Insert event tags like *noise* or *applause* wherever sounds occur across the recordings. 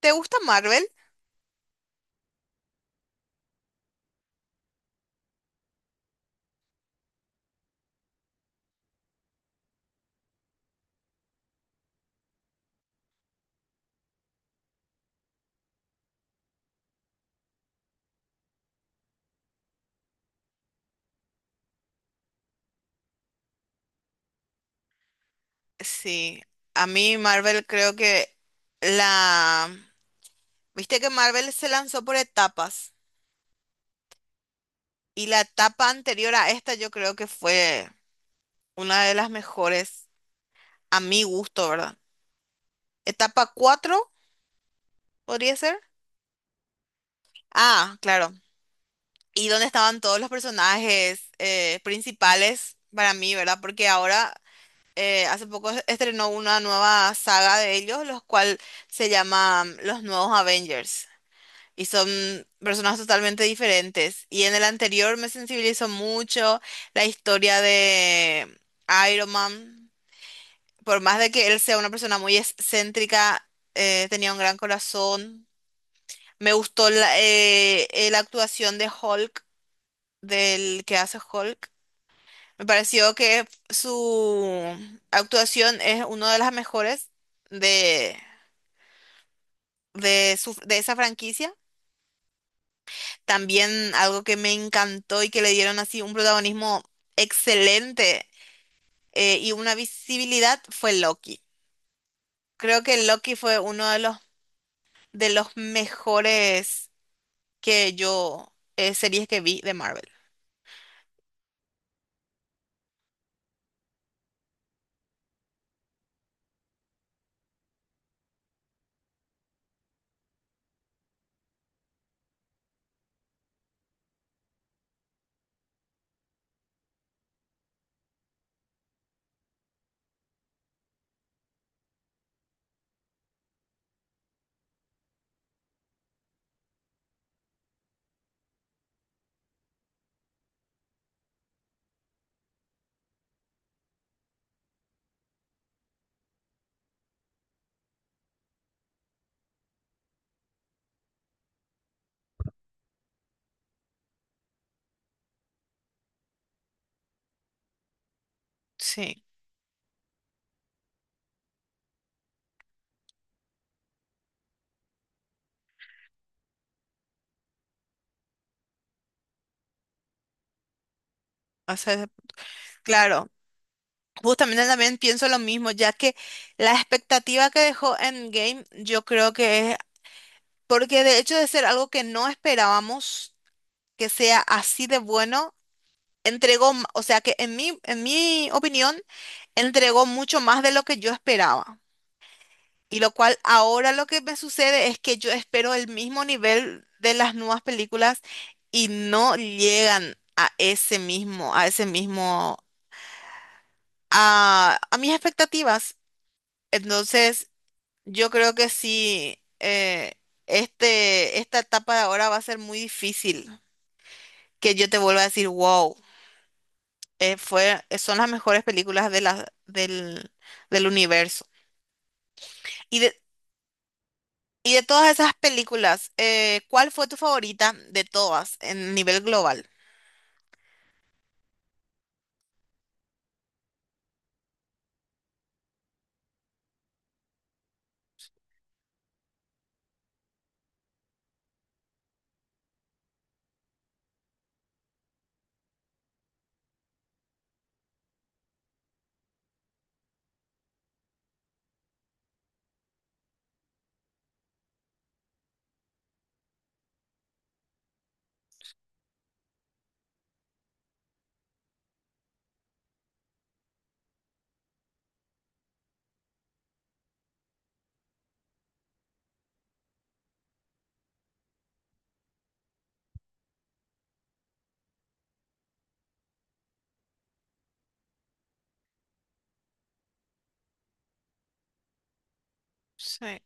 ¿Te gusta Marvel? Sí, a mí Marvel creo que la... Viste que Marvel se lanzó por etapas y la etapa anterior a esta yo creo que fue una de las mejores a mi gusto, ¿verdad? ¿Etapa 4 podría ser? Ah, claro. Y donde estaban todos los personajes principales para mí, ¿verdad? Porque ahora hace poco estrenó una nueva saga de ellos, los cual se llama Los Nuevos Avengers. Y son personas totalmente diferentes. Y en el anterior me sensibilizó mucho la historia de Iron Man. Por más de que él sea una persona muy excéntrica, tenía un gran corazón. Me gustó la actuación de Hulk, del que hace Hulk. Me pareció que su actuación es una de las mejores de, de esa franquicia. También algo que me encantó y que le dieron así un protagonismo excelente, y una visibilidad, fue Loki. Creo que Loki fue uno de de los mejores series que vi de Marvel. Sí, o sea, claro. Justamente también pienso lo mismo, ya que la expectativa que dejó Endgame, yo creo que es, porque de hecho, de ser algo que no esperábamos que sea así de bueno, entregó, o sea que en en mi opinión, entregó mucho más de lo que yo esperaba. Y lo cual ahora lo que me sucede es que yo espero el mismo nivel de las nuevas películas y no llegan a ese mismo, a mis expectativas. Entonces, yo creo que sí, esta etapa de ahora va a ser muy difícil que yo te vuelva a decir, wow. Son las mejores películas del, del universo. Y de, y de todas esas películas, ¿cuál fue tu favorita de todas en nivel global? Sí,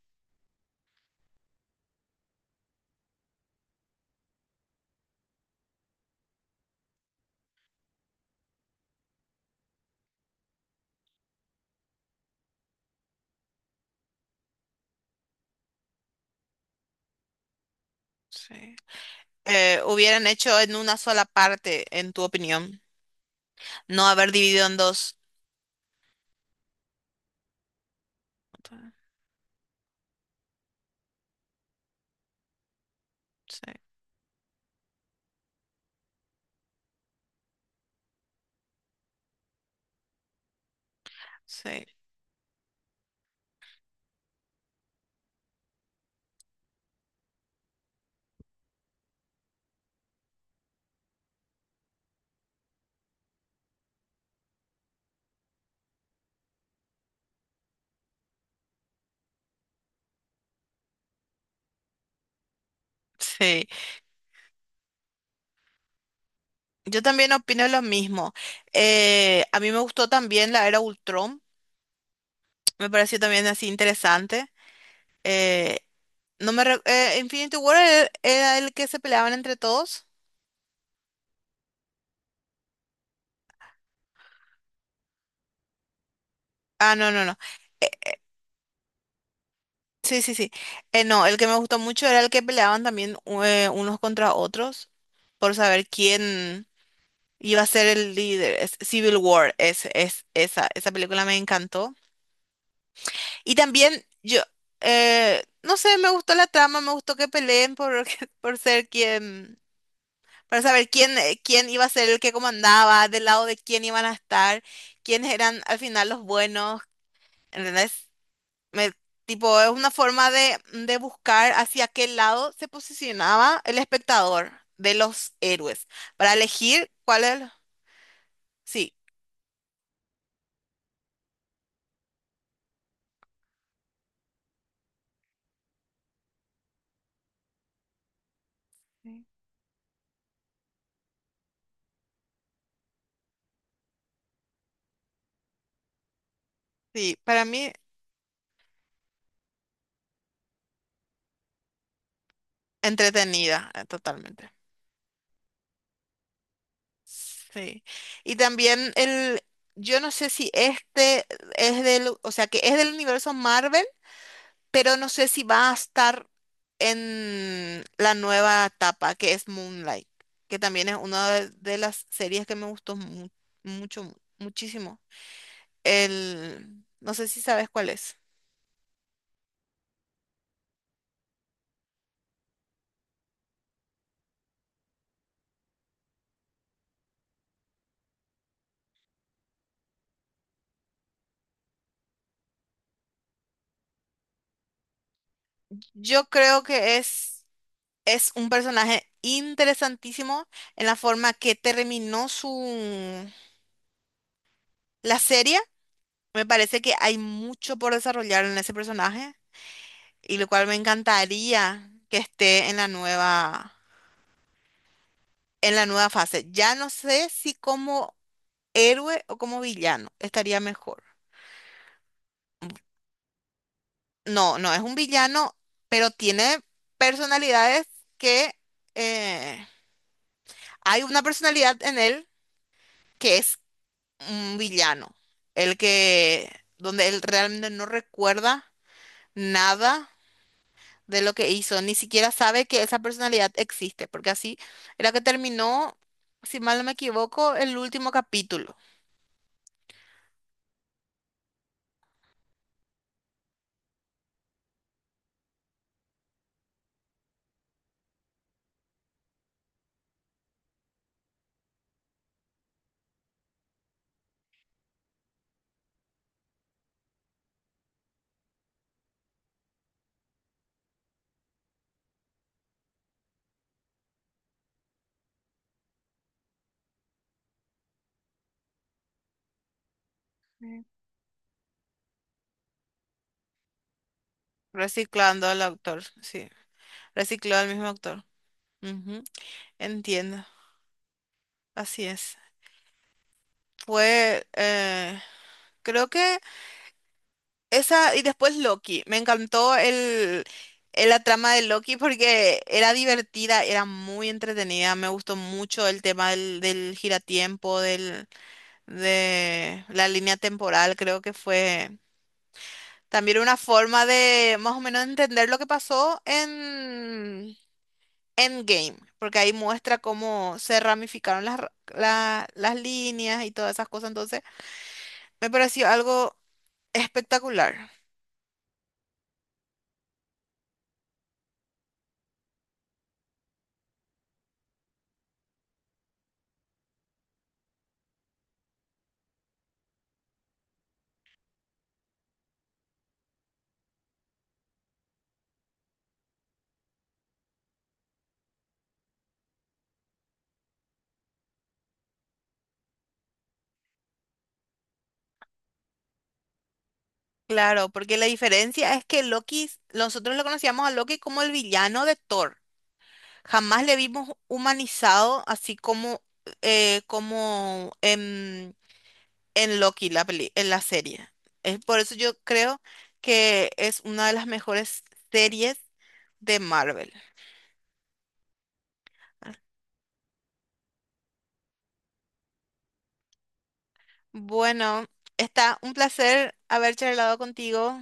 sí. Hubieran hecho en una sola parte, en tu opinión, no haber dividido en dos. Ta- Sí, sí, sí. Yo también opino lo mismo. A mí me gustó también la era Ultron. Me pareció también así interesante. Eh, No me re- Infinity War era, era el que se peleaban entre todos. Ah, no, no, no. Eh, sí, sí, sí. No, el que me gustó mucho era el que peleaban también, unos contra otros, por saber quién iba a ser el líder. Es Civil War, esa, esa película me encantó. Y también yo, no sé, me gustó la trama, me gustó que peleen por, *laughs* por ser quien, para saber quién, quién iba a ser el que comandaba, del lado de quién iban a estar, quiénes eran al final los buenos. ¿Entendés? Me- Tipo, es una forma de buscar hacia qué lado se posicionaba el espectador de los héroes para elegir cuál es. El- Sí, sí. Sí, para mí entretenida, totalmente. Sí. Y también el, yo no sé si este es del, o sea, que es del universo Marvel, pero no sé si va a estar en la nueva etapa, que es Moonlight, que también es una de las series que me gustó mucho, muchísimo. El, no sé si sabes cuál es. Yo creo que es un personaje interesantísimo en la forma que terminó su la serie. Me parece que hay mucho por desarrollar en ese personaje, y lo cual me encantaría que esté en la nueva, en la nueva fase. Ya no sé si como héroe o como villano estaría mejor. No, no es un villano, pero tiene personalidades que, eh, hay una personalidad en él que es un villano, el que donde él realmente no recuerda nada de lo que hizo, ni siquiera sabe que esa personalidad existe, porque así era que terminó, si mal no me equivoco, el último capítulo. Mm, reciclando al autor, sí. Recicló al mismo actor. Ujú, entiendo. Así es. Fue, creo que esa, y después Loki. Me encantó el, la trama de Loki porque era divertida, era muy entretenida. Me gustó mucho el tema del, del giratiempo, del, de la línea temporal. Creo que fue también una forma de más o menos entender lo que pasó en Endgame, porque ahí muestra cómo se ramificaron las líneas y todas esas cosas. Entonces, me pareció algo espectacular. Claro, porque la diferencia es que Loki, nosotros lo conocíamos a Loki como el villano de Thor. Jamás le vimos humanizado así como, como en Loki, en la serie. Es por eso yo creo que es una de las mejores series de Marvel. Bueno, está un placer haber charlado contigo.